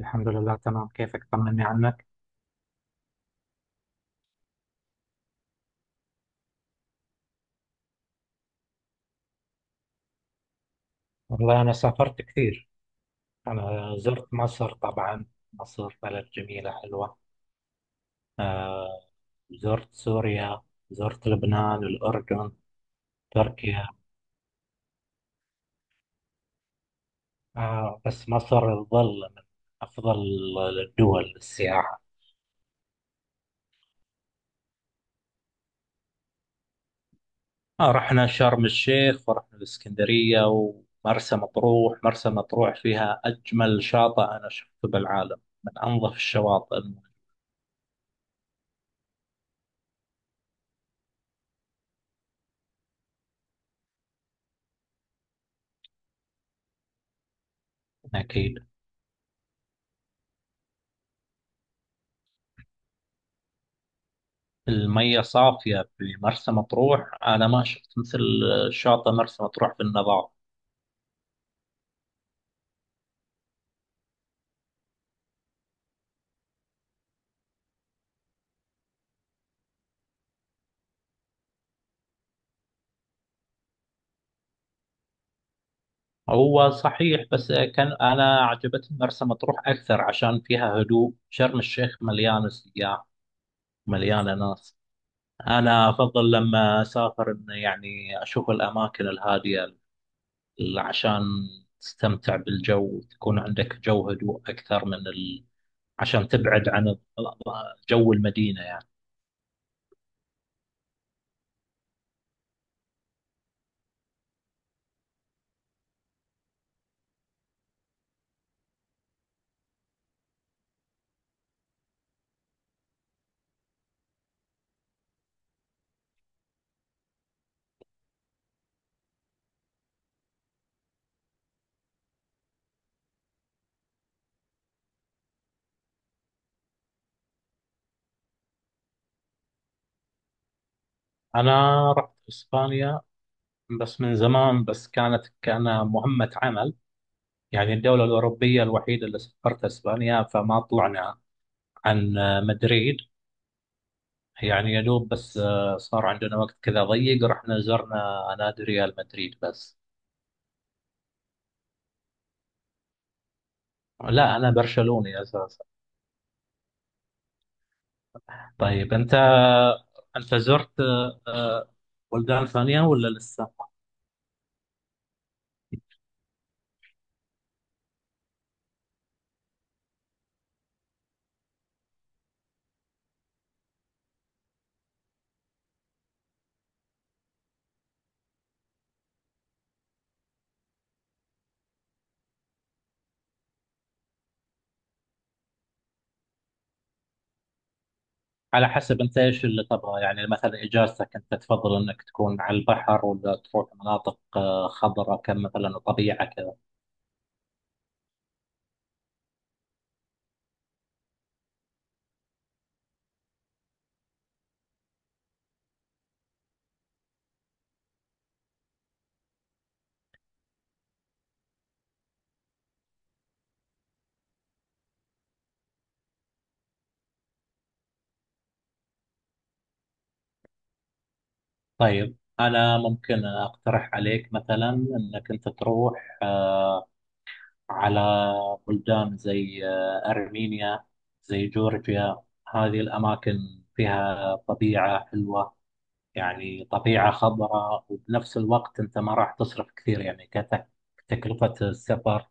الحمد لله، تمام. كيفك؟ طمني عنك. والله، أنا سافرت كثير. أنا زرت مصر طبعا. مصر بلد جميلة حلوة. آه. زرت سوريا، زرت لبنان، الأردن، تركيا. آه، بس مصر تظل من أفضل الدول للسياحة. آه، رحنا شرم الشيخ ورحنا الإسكندرية ومرسى مطروح. مرسى مطروح فيها أجمل شاطئ أنا شفته بالعالم، من أنظف الشواطئ. أكيد. المية صافية بمرسى مطروح، أنا ما شفت مثل شاطئ مرسى مطروح بالنظافة. هو صحيح، بس كان أنا عجبتني مرسى مطروح أكثر عشان فيها هدوء. شرم الشيخ مليانة سياح، مليانة ناس. أنا أفضل لما أسافر إن، يعني، أشوف الأماكن الهادية. عشان تستمتع بالجو، تكون عندك جو هدوء أكثر من عشان تبعد عن جو المدينة يعني. أنا رحت إسبانيا، بس من زمان، بس كانت كمهمة عمل. يعني الدولة الأوروبية الوحيدة اللي سافرت أسبانيا، فما طلعنا عن مدريد يعني، يا دوب بس. صار عندنا وقت كذا ضيق، رحنا زرنا نادي ريال مدريد بس. لا، أنا برشلوني أساسا. طيب، أنت، أنت زرت بلدان ثانية ولا لسه؟ على حسب أنت إيش اللي تبغى يعني. مثلا إجازتك، أنت تفضل أنك تكون على البحر ولا تروح مناطق خضراء كم مثلا وطبيعة كذا؟ طيب، أنا ممكن أقترح عليك مثلا أنك أنت تروح على بلدان زي أرمينيا، زي جورجيا. هذه الأماكن فيها طبيعة حلوة، يعني طبيعة خضراء. وبنفس الوقت أنت ما راح تصرف كثير يعني. كتكلفة السفر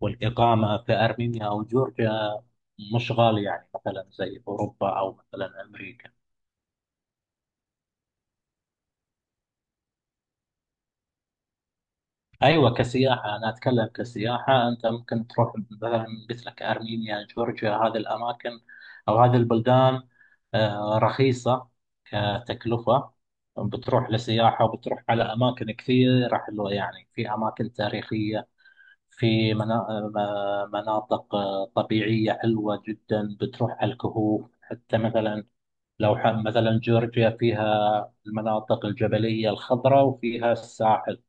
والإقامة في أرمينيا أو جورجيا، مش غالي يعني، مثلا زي أوروبا أو مثلا أمريكا. ايوه، كسياحه انا اتكلم، كسياحه. انت ممكن تروح مثلا، قلت لك ارمينيا، جورجيا، هذه الاماكن او هذه البلدان، رخيصه كتكلفه. بتروح لسياحه وبتروح على اماكن كثيره حلوه يعني. في اماكن تاريخيه، في مناطق طبيعيه حلوه جدا. بتروح على الكهوف حتى مثلا. لو مثلا جورجيا فيها المناطق الجبليه الخضراء وفيها الساحل.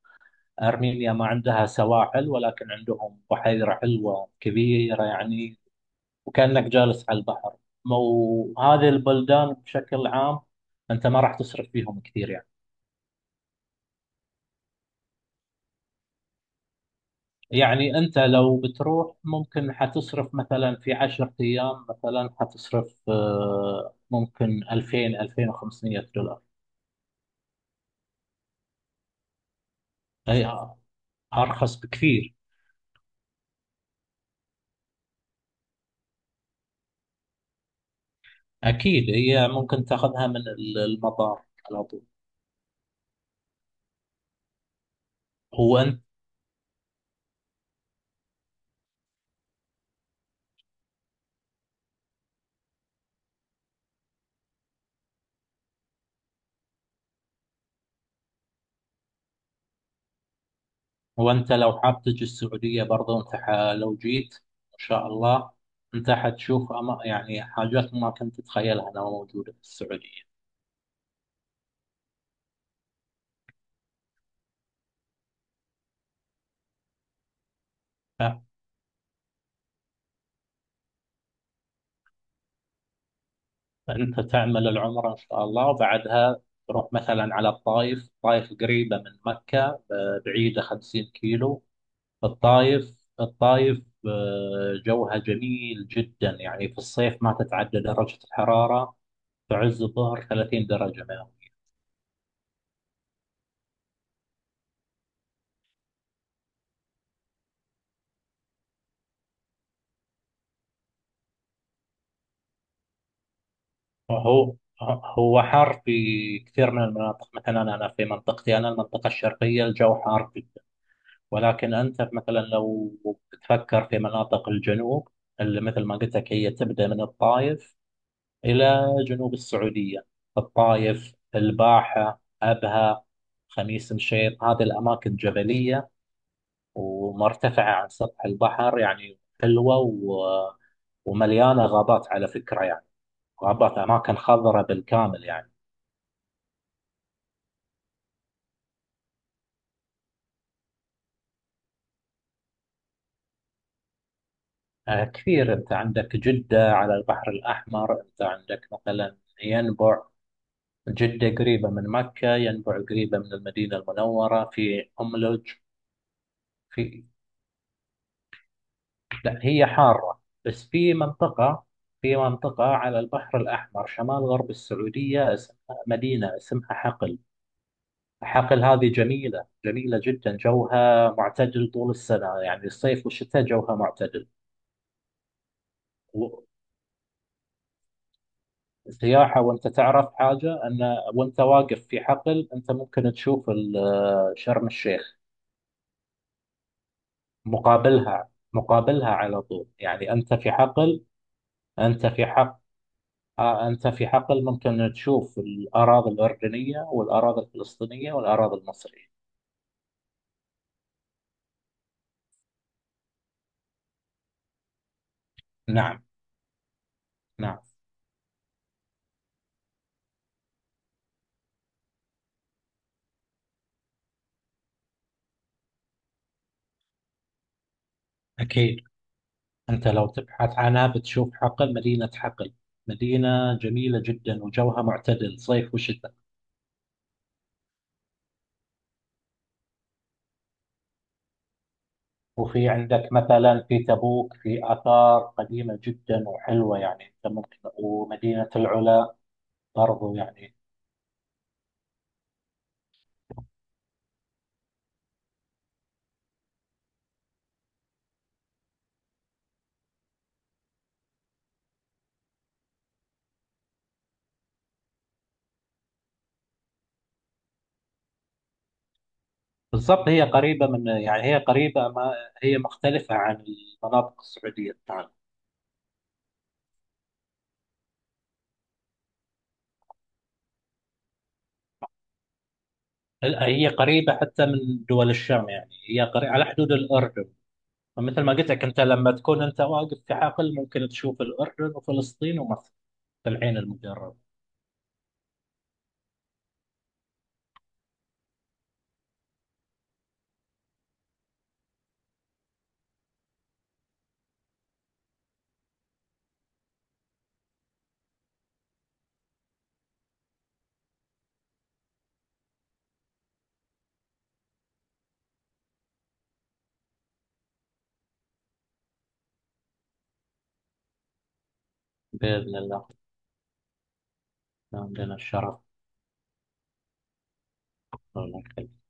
أرمينيا ما عندها سواحل، ولكن عندهم بحيرة حلوة كبيرة يعني، وكأنك جالس على البحر. وهذه البلدان بشكل عام، أنت ما راح تصرف فيهم كثير يعني. يعني أنت لو بتروح، ممكن حتصرف مثلا في عشرة أيام. مثلا حتصرف ممكن 2000 2500 دولار. هي أرخص بكثير. أكيد هي ممكن تاخذها من المطار على طول. هو هو انت لو حاب تجي السعودية برضه، انت لو جيت ان شاء الله، انت حتشوف يعني حاجات ما كنت تتخيلها انها موجودة في السعودية. فانت تعمل العمرة ان شاء الله، وبعدها تروح مثلا على الطائف. الطائف قريبة من مكة، بعيدة 50 كيلو. الطائف، جوها جميل جدا يعني. في الصيف، ما تتعدى درجة الحرارة في عز الظهر 30 درجة. هو هو حار في كثير من المناطق. مثلا أنا، في منطقتي أنا المنطقة الشرقية، الجو حار جدا. ولكن أنت مثلا لو تفكر في مناطق الجنوب، اللي مثل ما قلت لك هي تبدأ من الطائف إلى جنوب السعودية. الطائف، الباحة، أبها، خميس مشيط، هذه الأماكن جبلية ومرتفعة عن سطح البحر يعني، حلوة ومليانة غابات على فكرة يعني. غابات، أماكن خضراء بالكامل يعني. كثير. أنت عندك جدة على البحر الأحمر، أنت عندك مثلا ينبع. جدة قريبة من مكة، ينبع قريبة من المدينة المنورة. في أملج. في لا، هي حارة. بس في منطقة، على البحر الأحمر شمال غرب السعودية، اسمها مدينة، اسمها حقل. حقل هذه جميلة، جميلة جدا، جوها معتدل طول السنة يعني، الصيف والشتاء جوها معتدل. سياحة. وأنت تعرف حاجة أن، وأنت واقف في حقل، أنت ممكن تشوف شرم الشيخ. مقابلها، مقابلها على طول يعني، أنت في حقل. أنت في حق أنت في حقل ممكن تشوف الأراضي الأردنية والأراضي الفلسطينية والأراضي المصرية. نعم. نعم. أكيد. أنت لو تبحث عنها، بتشوف حقل، مدينة حقل، مدينة جميلة جدا وجوها معتدل صيف وشتاء. وفي عندك مثلا في تبوك في آثار قديمة جدا وحلوة يعني، أنت ممكن، ومدينة العلا برضو يعني. بالضبط، هي قريبة من، يعني هي قريبة، ما هي مختلفة عن المناطق السعودية بتاعنا. لا، هي قريبة حتى من دول الشام يعني، هي قريبة على حدود الأردن. فمثل ما قلت لك، أنت لما تكون أنت واقف في حقل، ممكن تشوف الأردن وفلسطين ومصر في العين المجرد. بإذن الله. عندنا الشرف.